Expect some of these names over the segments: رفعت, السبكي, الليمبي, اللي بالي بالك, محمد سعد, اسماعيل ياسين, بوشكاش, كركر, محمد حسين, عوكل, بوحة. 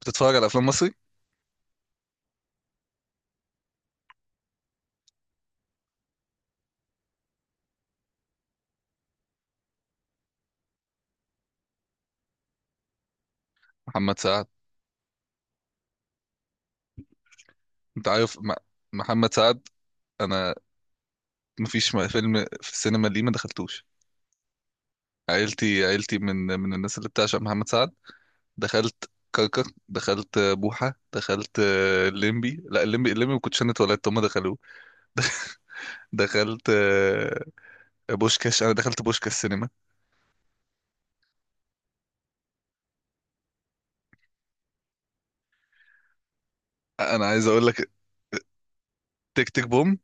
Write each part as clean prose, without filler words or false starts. بتتفرج على افلام مصري؟ محمد سعد. انت عارف م... محمد سعد. انا مفيش م- فيلم في السينما، ليه ما دخلتوش؟ عيلتي من الناس اللي بتعشق محمد سعد. دخلت كركر، دخلت بوحة، دخلت الليمبي. لا الليمبي ما كنتش انا اتولدت، هم دخلوه. دخلت بوشكاش. انا دخلت بوشكاش سينما. انا عايز اقول لك، تك تك بوم.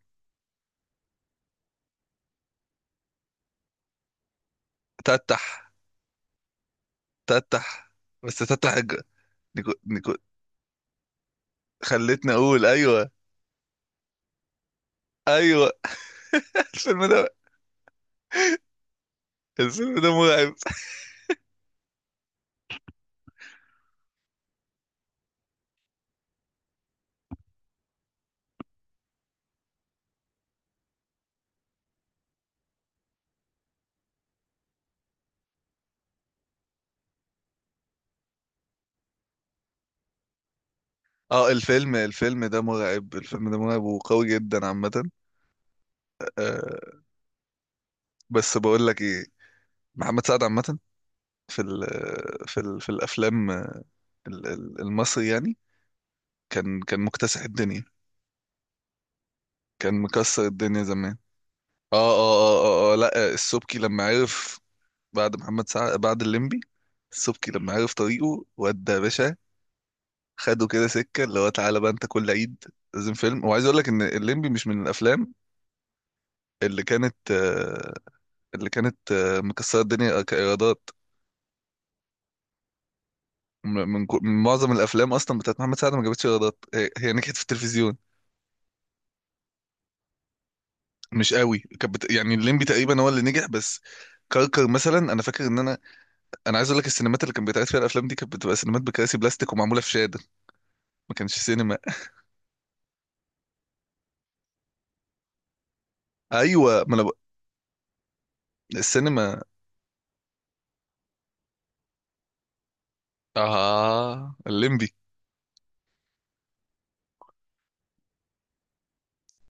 تتح، تتح، بس تتح الج-... نيكو... نيكو... خلتني اقول، ايوه. ايوه الفيلم ده. الفيلم ده مرعب. اه، الفيلم ده مرعب، الفيلم ده مرعب وقوي جدا عامة. آه، بس بقول لك ايه، محمد سعد عامة في ال في الافلام المصري يعني كان مكتسح الدنيا، كان مكسر الدنيا زمان. اه اه اه اه, آه لا آه، السبكي لما عرف، بعد محمد سعد بعد الليمبي، السبكي لما عرف طريقه ودى يا باشا، خده كده سكة اللي هو تعالى بقى انت كل عيد لازم فيلم. وعايز اقول لك ان الليمبي مش من الافلام اللي كانت آه، اللي كانت مكسرة الدنيا كإيرادات. م- من, كو- من معظم الأفلام أصلا بتاعت محمد سعد ما جابتش إيرادات. هي نجحت في التلفزيون، مش قوي. كانت بت... يعني الليمبي تقريبا هو اللي نجح بس. كركر مثلا، انا فاكر ان انا انا عايز اقول لك السينمات اللي كانت بيتعرض فيها الافلام دي كانت بتبقى سينمات بكراسي بلاستيك ومعموله في شاده، ما كانش سينما. ايوه ما انا ب... السينما، اه الليمبي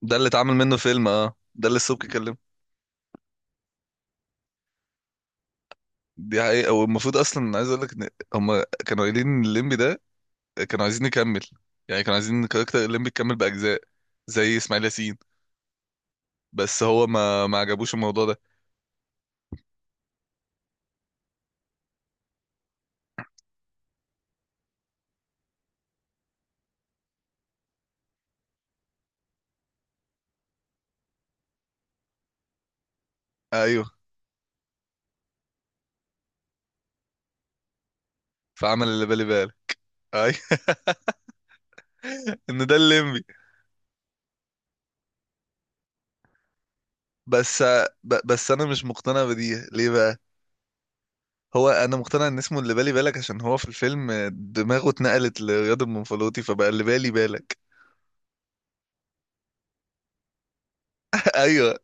ده اللي اتعمل منه فيلم، اه ده اللي السبكي كلمه. دي حقيقة. والمفروض اصلا عايز اقول لك ان هم كانوا قايلين إن الليمبي ده كانوا عايزين نكمل. يعني كانوا عايزين كاركتر الليمبي يكمل باجزاء زي اسماعيل ياسين. بس هو ما عجبوش الموضوع ده. ايوه فعمل اللي بالي بالك. ايوه ان ده الليمبي. بس بس انا مش مقتنع بدي، ليه بقى؟ هو انا مقتنع ان اسمه اللي بالي بالك عشان هو في الفيلم دماغه اتنقلت لرياض المنفلوطي فبقى اللي بالي بالك. ايوه.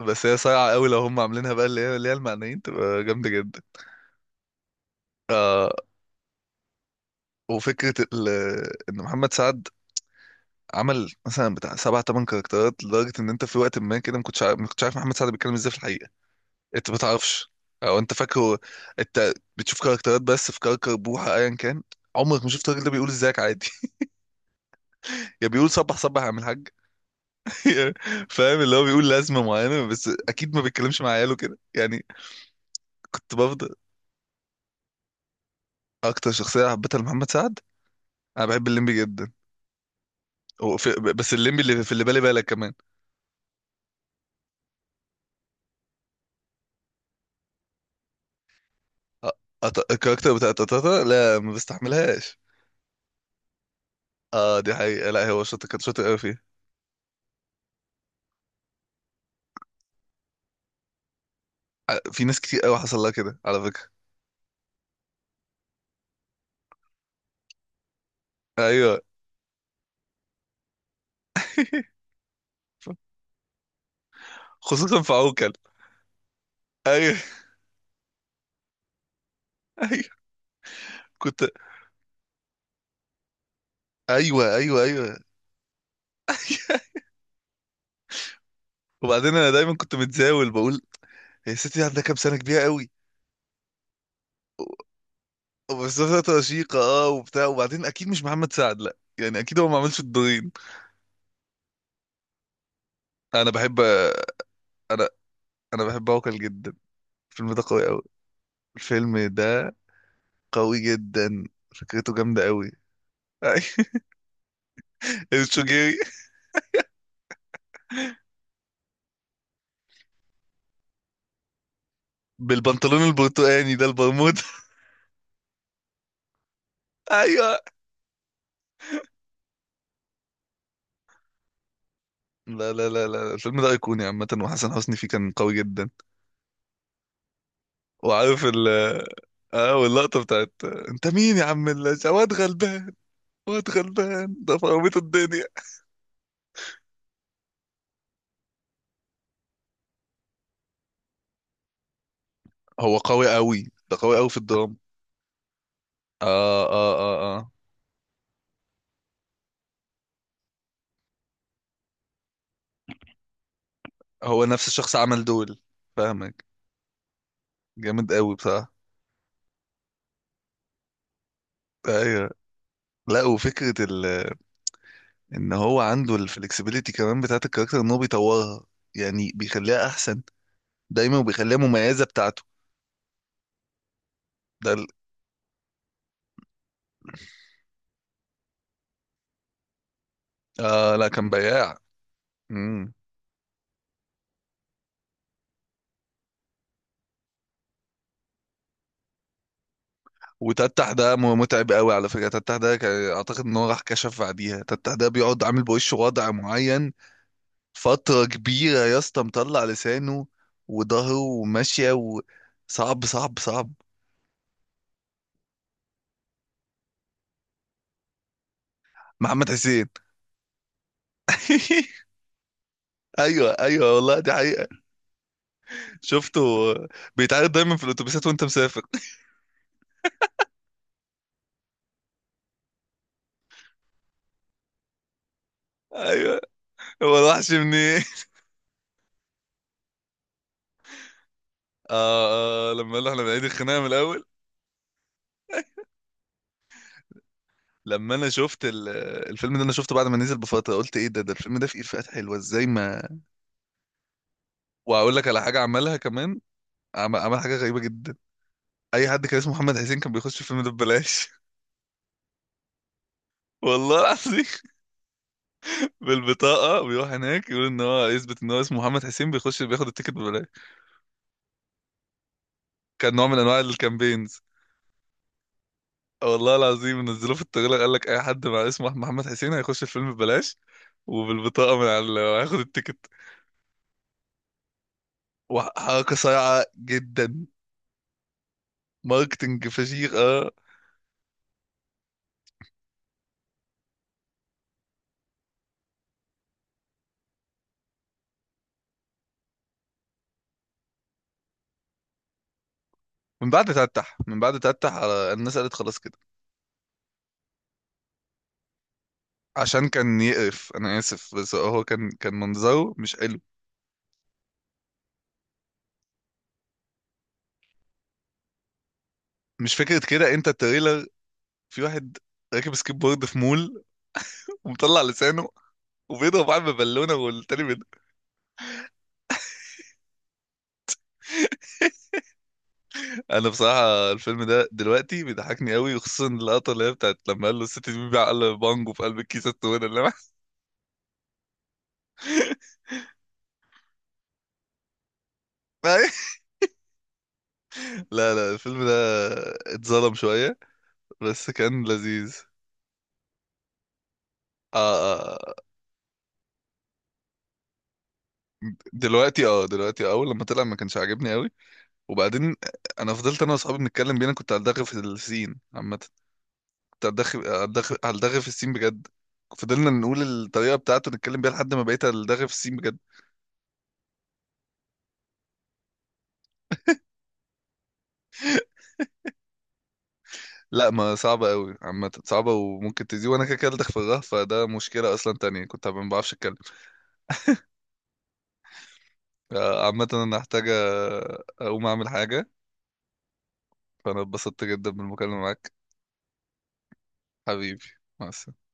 بس هي صايعه قوي لو هم عاملينها، بقى اللي هي المعنيين، تبقى جامده جدا. آه، وفكره ال- ان محمد سعد عمل مثلا بتاع سبع تمن كاركترات لدرجه ان انت في وقت ما كده ما كنتش عارف محمد سعد بيتكلم ازاي في الحقيقه. انت ما تعرفش او انت فاكره انت بتشوف كاركترات بس. في كركر بوحه ايا كان عمرك ما شفت الراجل ده بيقول ازيك عادي. يا بيقول صبح صبح يا عم الحاج. فاهم؟ اللي هو بيقول لازمه معينه بس اكيد ما بيتكلمش مع عياله كده يعني. كنت بفضل اكتر شخصيه حبيتها لمحمد سعد، انا بحب الليمبي جدا. وفي- بس الليمبي اللي في اللي بالي بالك كمان. أ- أط- الكاركتر بتاع تاتاتا، لا ما بستحملهاش. اه دي حقيقة. لا هو شاطر، كان شاطر قوي فيه. ع- في ناس كتير قوي حصل لها كده على فكرة. ايوه خصوصا في عوكل. ايوه ايوه كنت ايوه ايوه ايوه وبعدين انا دايما كنت متزاول بقول هي الست دي عندها كام سنة كبيرة قوي، بس في نفس الوقت رشيقة، اه وبتاع. وبعدين اكيد مش محمد سعد، لا يعني اكيد هو ما عملش الدورين. انا بحب، انا انا بحب عوكل جدا. الفيلم ده قوي قوي، الفيلم ده قوي جدا، فكرته جامدة قوي. الشوجيري بالبنطلون البرتقاني ده البرمودا. ايوه. لا لا لا لا، الفيلم ده ايقوني عامة، وحسن حسني فيه كان قوي جدا. وعارف ال، اه واللقطة بتاعت انت مين يا عم اللاش، واد غلبان. واد غلبان ده فرميت الدنيا. هو قوي قوي، ده قوي قوي في الدراما. اه اه اه اه، هو نفس الشخص عمل دول. فاهمك، جامد قوي بصراحة. ايوه، لا وفكرة ال، ان هو عنده الفلكسبيليتي كمان بتاعت الكاركتر، ان هو بيطورها يعني بيخليها احسن دايما، وبيخليها مميزه بتاعته. ده ال... آه لا كان بياع. امم. وتتح ده م- متعب قوي على فكره. تتح ده كان- اعتقد ان هو راح كشف بعديها. تتح ده بيقعد عامل بوشه وضع معين فتره كبيره يا اسطى، مطلع لسانه وظهره وماشيه، وصعب صعب. محمد حسين. ايوه ايوه، والله دي حقيقه. شفته بيتعرض دايما في الاتوبيسات وانت مسافر. ايوه هو الوحش منين. آه, اه، لما قالوا احنا بنعيد الخناقه من الاول. لما انا شفت ال- الفيلم ده، انا شفته بعد ما نزل بفتره، قلت ايه ده، ده الفيلم ده فيه افيهات حلوه ازاي. ما واقول لك على حاجه عملها كمان، عمل, عمل حاجه غريبه جدا. اي حد كان اسمه محمد حسين كان بيخش الفيلم ده ببلاش. والله العظيم. بالبطاقه، بيروح هناك يقول ان هو يثبت ان هو اسمه محمد حسين، بيخش بياخد التيكت ببلاش. كان نوع من انواع الكامبينز. والله العظيم نزلوه في التغيير قال لك اي حد مع اسمه محمد حسين هيخش الفيلم ببلاش، وبالبطاقه من على هياخد التيكت. وحركه صايعه جدا، ماركتنج فشيخ اه. من بعد تفتح، من بعد تفتح على الناس قالت خلاص كده. عشان كان يقرف، انا اسف بس هو كان منظره مش حلو. مش فكره كده انت التريلر، في واحد راكب سكيب بورد في مول ومطلع لسانه وبيضرب واحد ببالونه والتاني بيض... انا بصراحه الفيلم ده دلوقتي بيضحكني قوي، وخصوصا اللقطه اللي هي بتاعت لما قال له الست دي بيبيع، قال بانجو في قلب الكيسه السوداء اللي معاه. لا لا، الفيلم ده اتظلم شويه، بس كان لذيذ. اه آه، آه. دلوقتي، اه دلوقتي اول لما طلع ما كانش عاجبني قوي، وبعدين انا فضلت انا واصحابي بنتكلم بينا، كنت هلدغ في السين عامه. كنت هلدغ، هلدغ في السين بجد. فضلنا نقول الطريقه بتاعته نتكلم بيها لحد ما بقيت هلدغ في السين بجد. لا، ما صعبه قوي عامه، صعبه وممكن تزيد، وانا كده كده هلدغ في الغه، فده مشكله اصلا تانية، كنت ما بعرفش اتكلم. آه، عامه انا هحتاج آه، اقوم اعمل حاجه. فانا اتبسطت جدا بالمكالمه معاك. حبيبي، مع السلامه.